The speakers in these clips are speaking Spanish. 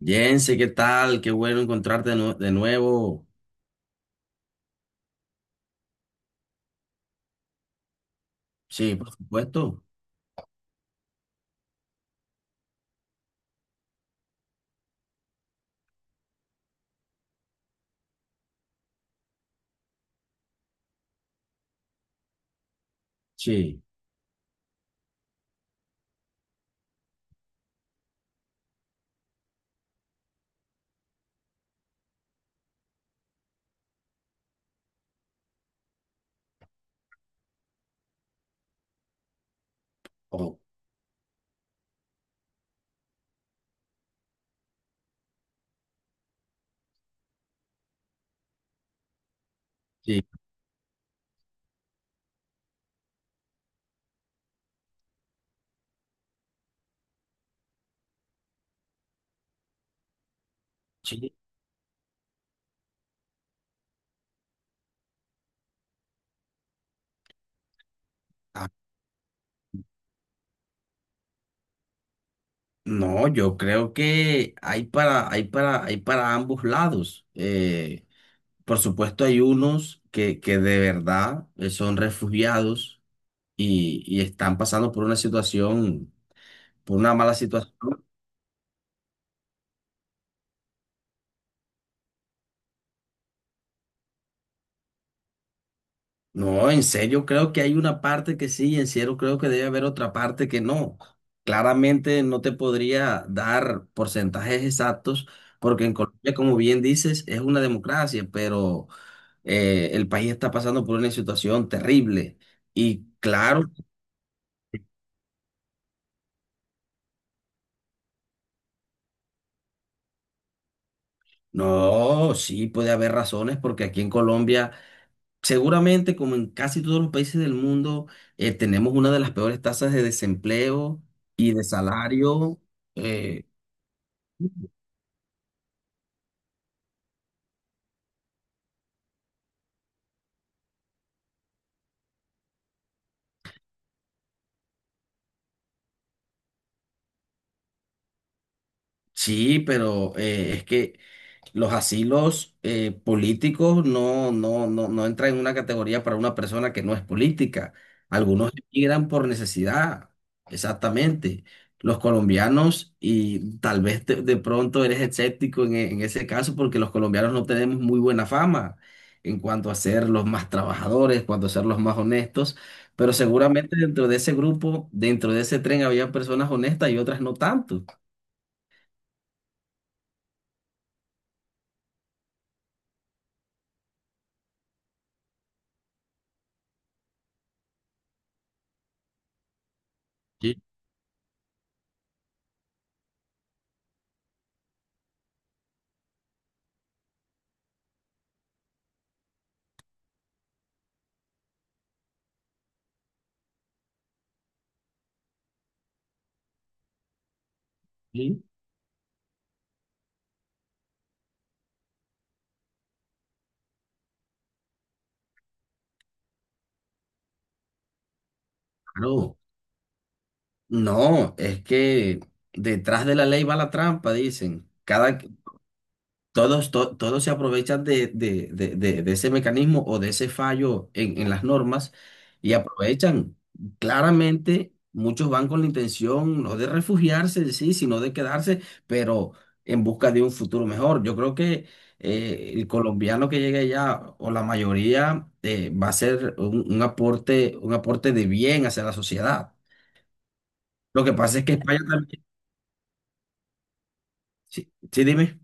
Jense, ¿qué tal? Qué bueno encontrarte de nuevo. Sí, por supuesto. Sí. Oh, sí. Sí. Ah, no, yo creo que hay para, hay para, hay para ambos lados. Por supuesto, hay unos que de verdad son refugiados y están pasando por una situación, por una mala situación. No, en serio, creo que hay una parte que sí, en serio, creo que debe haber otra parte que no. Claramente no te podría dar porcentajes exactos, porque en Colombia, como bien dices, es una democracia, pero el país está pasando por una situación terrible. Y claro, no, sí puede haber razones, porque aquí en Colombia, seguramente, como en casi todos los países del mundo, tenemos una de las peores tasas de desempleo y de salario. eh, Sí, pero es que los asilos políticos no, no, no, no entran en una categoría para una persona que no es política. Algunos emigran por necesidad, exactamente. Los colombianos, y de pronto eres escéptico en ese caso, porque los colombianos no tenemos muy buena fama en cuanto a ser los más trabajadores, cuanto a ser los más honestos, pero seguramente dentro de ese grupo, dentro de ese tren, había personas honestas y otras no tanto. Sí, sí. Claro, no, es que detrás de la ley va la trampa, dicen. Todos se aprovechan de ese mecanismo o de ese fallo en las normas y aprovechan. Claramente, muchos van con la intención no de refugiarse, sí, sino de quedarse, pero en busca de un futuro mejor. Yo creo que el colombiano que llegue allá, o la mayoría, va a ser un aporte de bien hacia la sociedad. Lo que pasa es que España también. Sí, sí, dime.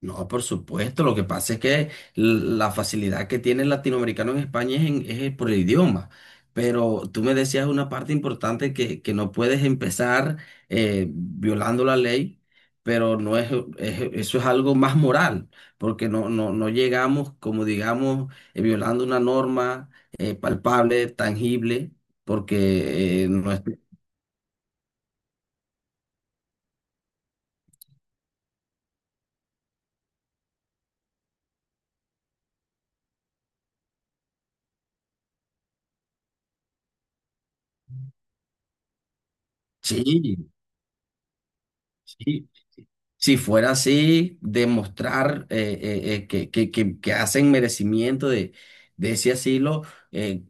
No, por supuesto. Lo que pasa es que la facilidad que tiene el latinoamericano en España es por el idioma. Pero tú me decías una parte importante que no puedes empezar violando la ley, pero no es, es- eso es algo más moral, porque no, no, no llegamos, como digamos, violando una norma palpable, tangible, porque no es... Sí, sí. Si fuera así, demostrar que hacen merecimiento de ese asilo, eh,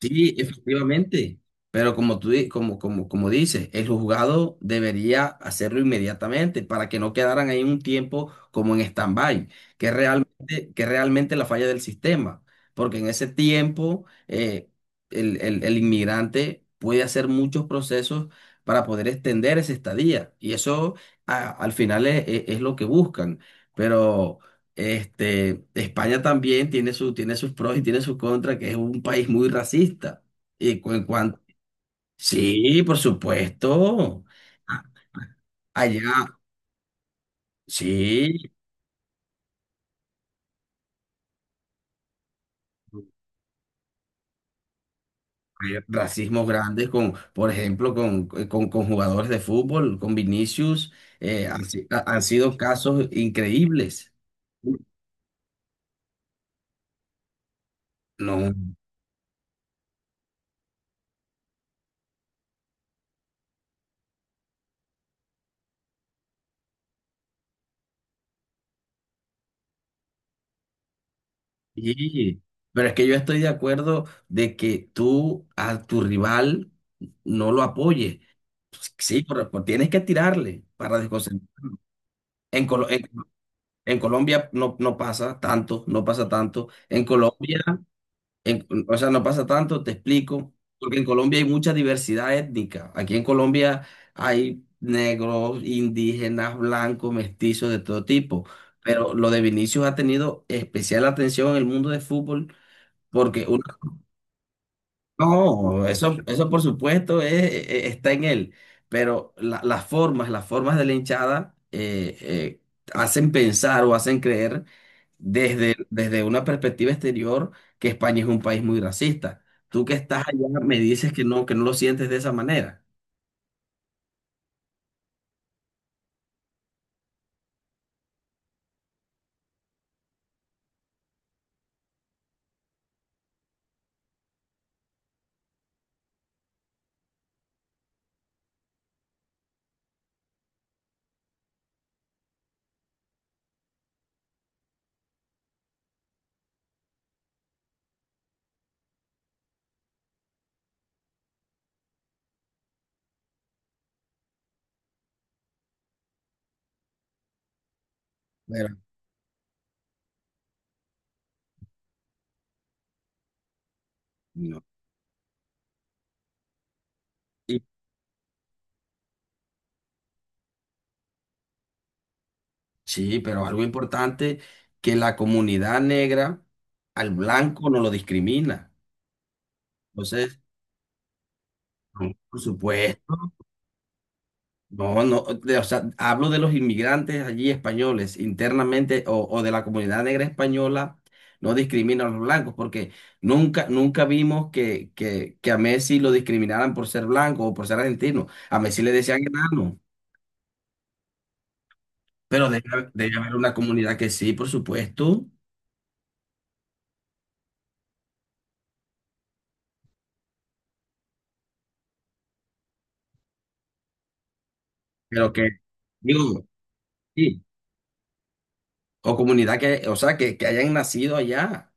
sí, efectivamente. Pero como tú, como, como, como dices, el juzgado debería hacerlo inmediatamente para que no quedaran ahí un tiempo como en stand-by, que es realmente la falla del sistema. Porque en ese tiempo el inmigrante puede hacer muchos procesos para poder extender esa estadía. Y eso al final es lo que buscan. Pero este, España también tiene su, tiene sus pros y tiene sus contras, que es un país muy racista. Y en cuanto, sí, por supuesto. A- Allá, sí, hay racismos grandes con, por ejemplo, con jugadores de fútbol, con Vinicius, han, si- ha- han sido casos increíbles. No, sí. Pero es que yo estoy de acuerdo de que tú a tu rival no lo apoyes. Sí, pero, pues, tienes que tirarle para desconcentrarlo. En, Colo- en- en Colombia no, no pasa tanto, no pasa tanto. En Colombia, o sea, no pasa tanto, te explico, porque en Colombia hay mucha diversidad étnica. Aquí en Colombia hay negros, indígenas, blancos, mestizos de todo tipo. Pero lo de Vinicius ha tenido especial atención en el mundo del fútbol porque una... No, eso por supuesto es... está en él, pero las formas de la hinchada hacen pensar o hacen creer desde, desde una perspectiva exterior que España es un país muy racista. Tú que estás allá me dices que no lo sientes de esa manera. Pero, no. Y- sí, pero algo importante, que la comunidad negra al blanco no lo discrimina. Entonces, no, por supuesto. No, no, o sea, hablo de los inmigrantes allí españoles internamente o de la comunidad negra española, no discrimina a los blancos, porque nunca, nunca vimos que a Messi lo discriminaran por ser blanco o por ser argentino. A Messi le decían enano, pero debe, debe haber una comunidad que sí, por supuesto, pero que, digo, sí, o comunidad que, o sea, que hayan nacido allá.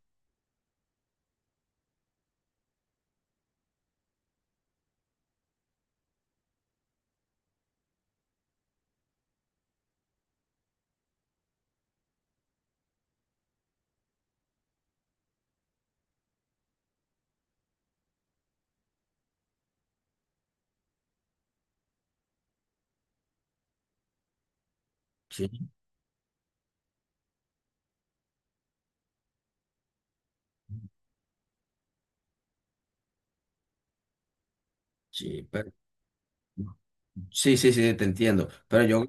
Sí, sí, pero, sí, sí, sí, te entiendo, pero yo...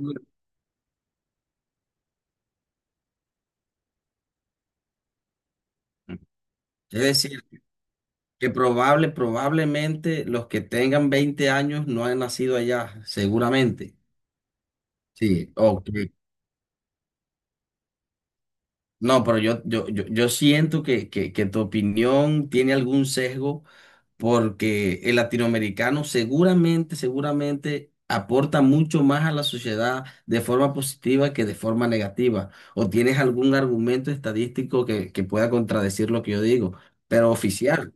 Es decir, que probable, probablemente los que tengan 20 años no han nacido allá, seguramente. Sí, ok. No, pero yo siento que tu opinión tiene algún sesgo porque el latinoamericano seguramente, seguramente aporta mucho más a la sociedad de forma positiva que de forma negativa. ¿O tienes algún argumento estadístico que pueda contradecir lo que yo digo? Pero oficial,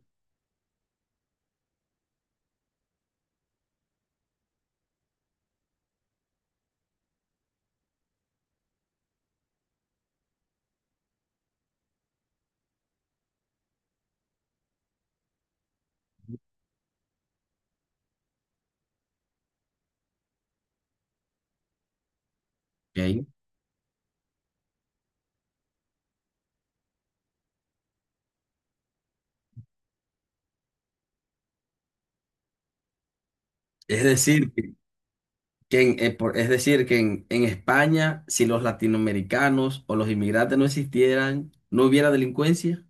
¿ok? Es decir, es decir, que en España, si los latinoamericanos o los inmigrantes no existieran, no hubiera delincuencia.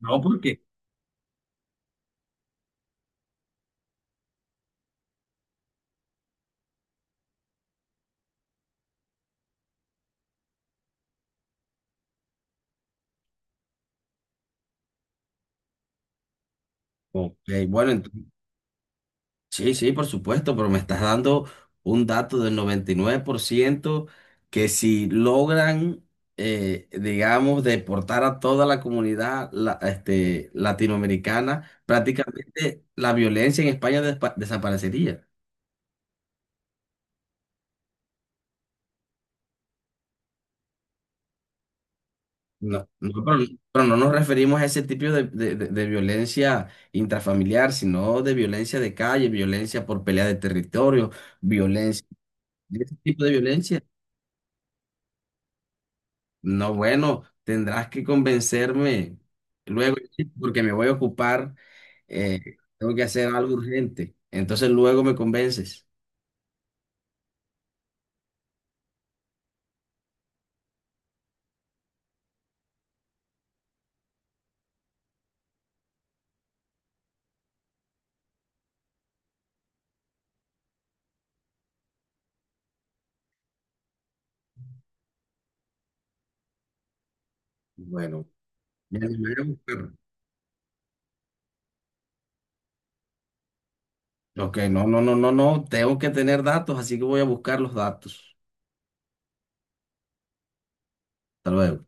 No, porque ok, bueno, sí, sí, por supuesto, pero me estás dando un dato del 99% que si logran, digamos, deportar a toda la comunidad este, latinoamericana, prácticamente la violencia en España desaparecería. No, no, pero no nos referimos a ese tipo de, de violencia intrafamiliar, sino de violencia de calle, violencia por pelea de territorio, violencia, de ese tipo de violencia. No, bueno, tendrás que convencerme luego, sí, porque me voy a ocupar, tengo que hacer algo urgente. Entonces luego me convences. Bueno, me animaré a buscar. Ok, no, no, no, no, no, tengo que tener datos, así que voy a buscar los datos. Hasta luego.